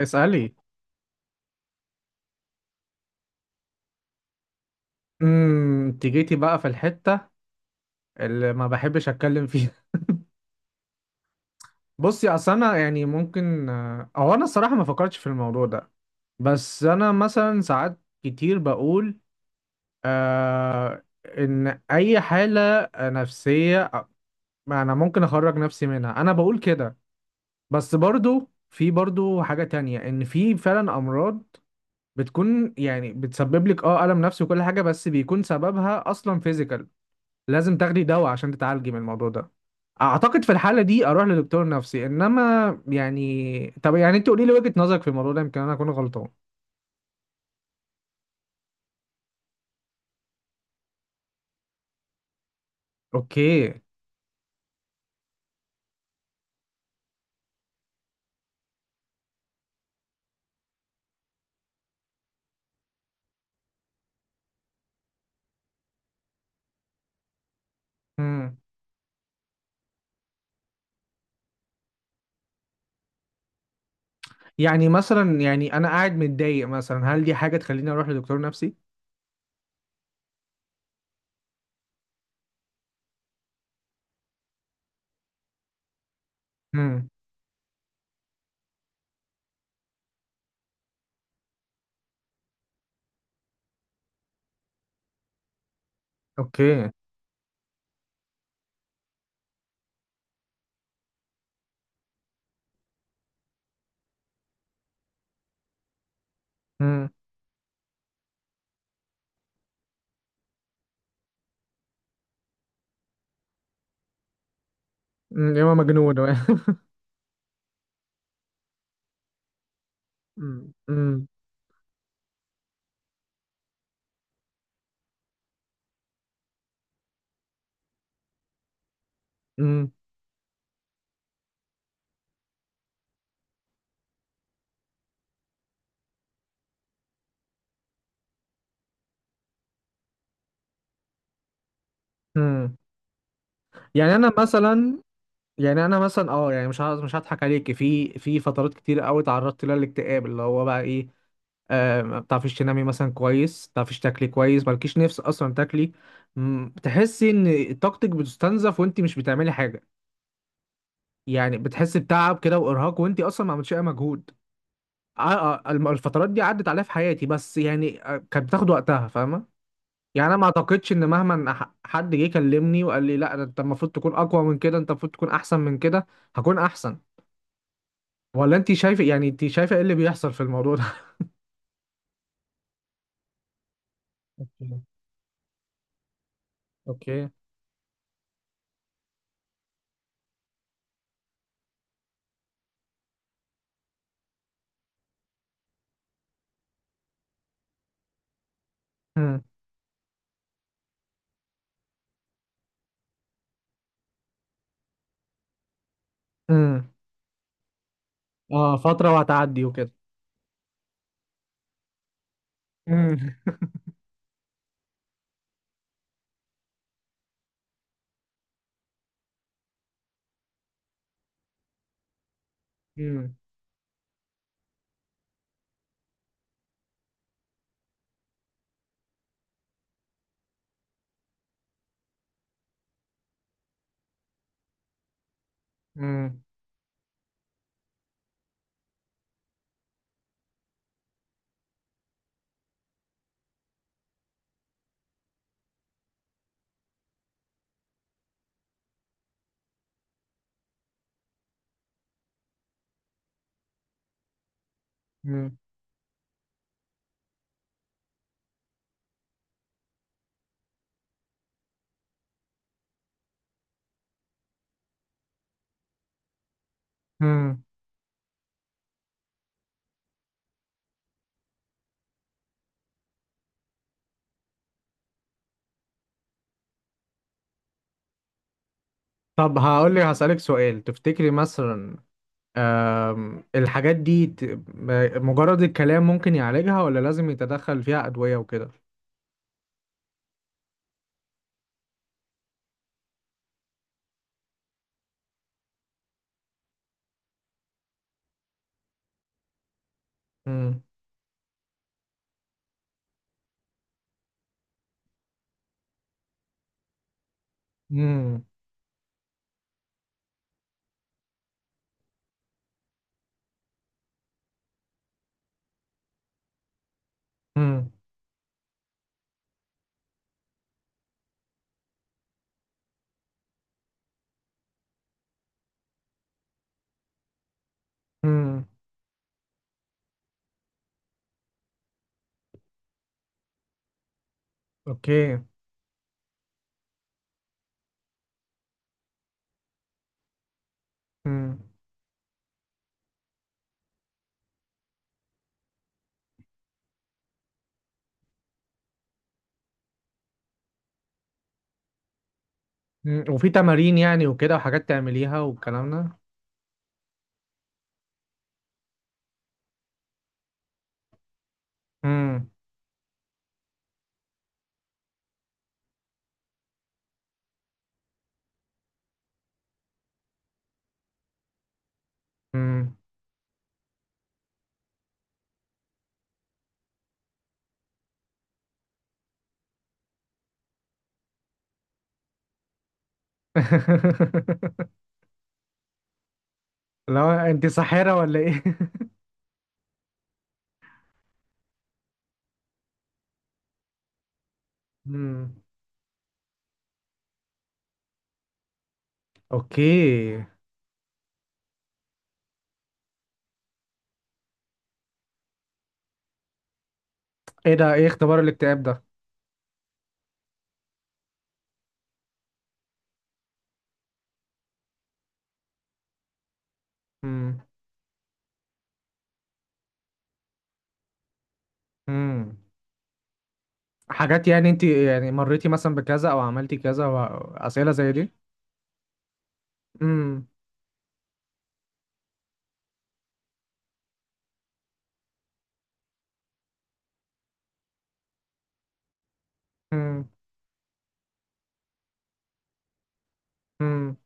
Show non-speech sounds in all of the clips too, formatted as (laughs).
اسألي انت جيتي بقى في الحتة اللي ما بحبش اتكلم فيها. (laughs) بصي، اصل انا يعني ممكن، او انا الصراحة ما فكرتش في الموضوع ده. بس انا مثلا ساعات كتير بقول آه، ان اي حالة نفسية، انا ممكن اخرج نفسي منها، انا بقول كده. بس برضو، في برضو حاجة تانية، ان في فعلا امراض بتكون يعني بتسبب لك الم نفسي وكل حاجة، بس بيكون سببها اصلا فيزيكال، لازم تاخدي دواء عشان تتعالجي من الموضوع ده. اعتقد في الحاله دي اروح لدكتور نفسي، انما يعني طب، يعني انت قولي لي وجهه نظرك في الموضوع ده، يمكن انا اكون غلطان. اوكي. امم. يعني مثلا، يعني انا قاعد متضايق مثلا، هل دي حاجه تخليني اروح لدكتور نفسي؟ امم. اوكي. امم. أمم، يا إما مجنون. (laughs) امم. امم. أمم. (laughs) يعني انا مثلا، اه يعني، مش هضحك عليك. في فترات كتير قوي تعرضت لها الاكتئاب، اللي هو بقى ايه، ما بتعرفيش تنامي مثلا كويس، ما بتعرفيش تاكلي كويس، مالكيش نفس اصلا تاكلي، بتحسي ان طاقتك بتستنزف وانت مش بتعملي حاجه، يعني بتحسي بتعب كده وارهاق وانت اصلا ما عملتش اي مجهود، آه، الفترات دي عدت عليا في حياتي، بس يعني كانت بتاخد وقتها، فاهمه؟ يعني انا ما اعتقدش ان، مهما حد جه كلمني وقال لي لا ده انت المفروض تكون اقوى من كده، انت المفروض تكون احسن من كده، هكون احسن. ولا انت شايفه، يعني انت شايفه ايه اللي بيحصل في الموضوع ده؟ اوكي. اوكي. (laughs) مم. اه، فترة وهتعدي وكده. مم. مم. مم. مم. مم. طب هقول لي، هسألك سؤال، تفتكري مثلا الحاجات دي، مجرد الكلام ممكن يعالجها، ولا لازم يتدخل فيها أدوية وكده؟ مم. مم. مم. مم. اوكي. مم. مم. وفي تمارين يعني وكده، وحاجات تعمليها والكلام ده. مم. مم. (laughs) لو انت ساحرة ولا ايه؟ (laughs) مم. اوكي. ايه ده، ايه اختبار الاكتئاب ده؟ امم. امم. حاجات يعني، انت يعني مريتي مثلا بكذا او عملتي كذا، واسئله زي دي. امم. امم. امم.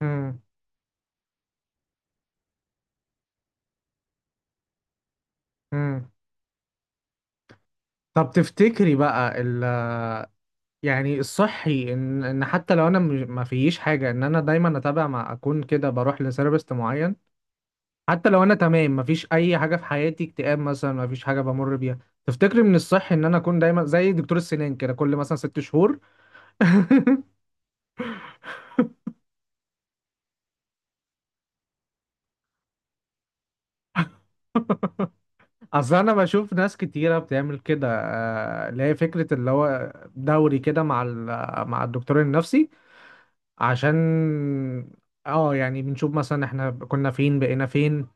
امم. امم. طب تفتكري بقى، يعني، الصحي ان حتى لو انا ما فيش حاجه، ان انا دايما اتابع، مع اكون كده بروح لثيرابيست معين، حتى لو انا تمام ما فيش اي حاجه في حياتي، اكتئاب مثلا ما فيش حاجه بمر بيها، تفتكري من الصحي ان انا اكون دايما زي دكتور السنان كده كل مثلا 6 شهور؟ (laughs) اصل انا بشوف ناس كتيره بتعمل كده، اللي هي فكره اللي هو دوري كده مع مع الدكتور النفسي، عشان، اه يعني بنشوف مثلا احنا كنا فين، بقينا فين.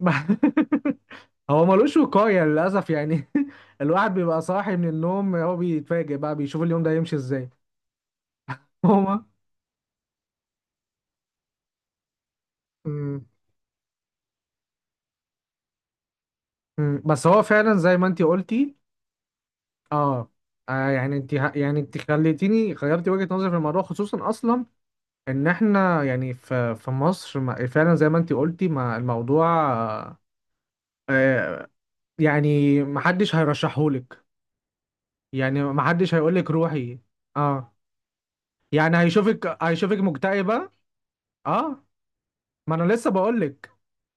(laughs) هو ملوش وقايه للاسف يعني، (laughs) الواحد بيبقى صاحي من النوم، هو بيتفاجئ بقى بيشوف اليوم ده يمشي ازاي. (laughs) هما. مم. مم. بس هو فعلا زي ما انتي قلتي. اه. يعني انت، خليتيني غيرتي وجهة نظري في الموضوع، خصوصا اصلا ان احنا، يعني في في مصر، فعلا زي ما انت قلتي، ما الموضوع، آه، يعني محدش هيرشحهولك، يعني محدش هيقولك روحي. اه. يعني هيشوفك، مكتئبة. اه، ما انا لسه بقولك،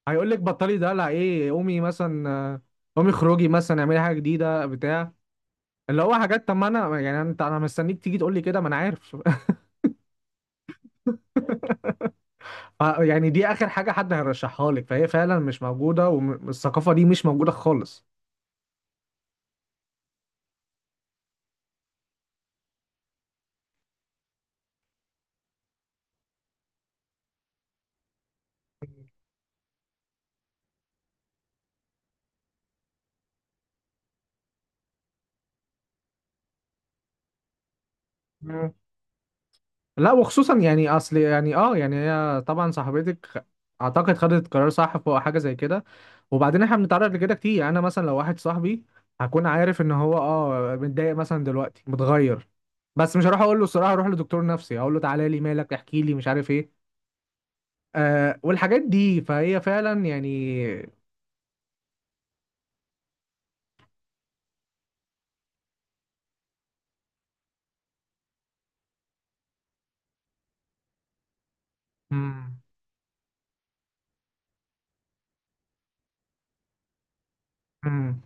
هيقولك بطلي دلع ايه، قومي مثلا، قومي خروجي مثلا، اعملي حاجة جديدة بتاع، اللي هو حاجات. طب ما انا، يعني انت، انا مستنيك تيجي تقولي كده، ما انا عارف. (laughs) يعني دي اخر حاجة حد هيرشحها لك، فهي فعلا مش موجودة، والثقافة دي مش موجودة خالص. لا وخصوصا يعني، اصل يعني يعني، هي طبعا صاحبتك اعتقد خدت قرار صح فوق حاجه زي كده، وبعدين احنا بنتعرض لكده كتير، يعني انا مثلا لو واحد صاحبي، هكون عارف ان هو متضايق مثلا دلوقتي، متغير، بس مش هروح اقول له الصراحه اروح لدكتور نفسي، اقول له تعالى لي، مالك؟ احكي لي، مش عارف ايه، والحاجات دي، فهي فعلا يعني. مم. مم.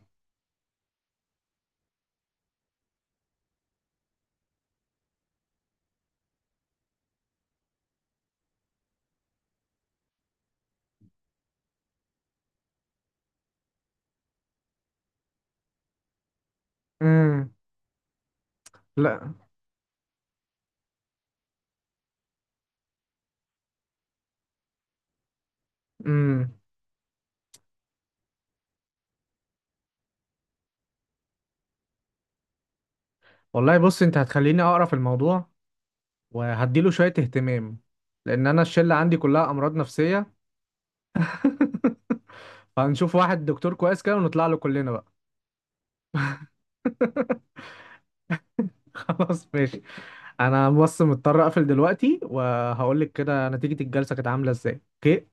مم. لا. مم. والله بص، انت هتخليني اقرا في الموضوع وهديله شويه اهتمام، لان انا الشله عندي كلها امراض نفسيه، هنشوف واحد دكتور كويس كده ونطلع له كلنا بقى. (laughs) خلاص ماشي. انا بس مضطر اقفل دلوقتي، وهقول لك كده نتيجة الجلسة كانت عاملة ازاي. اوكي.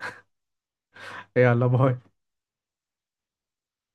يلا باي.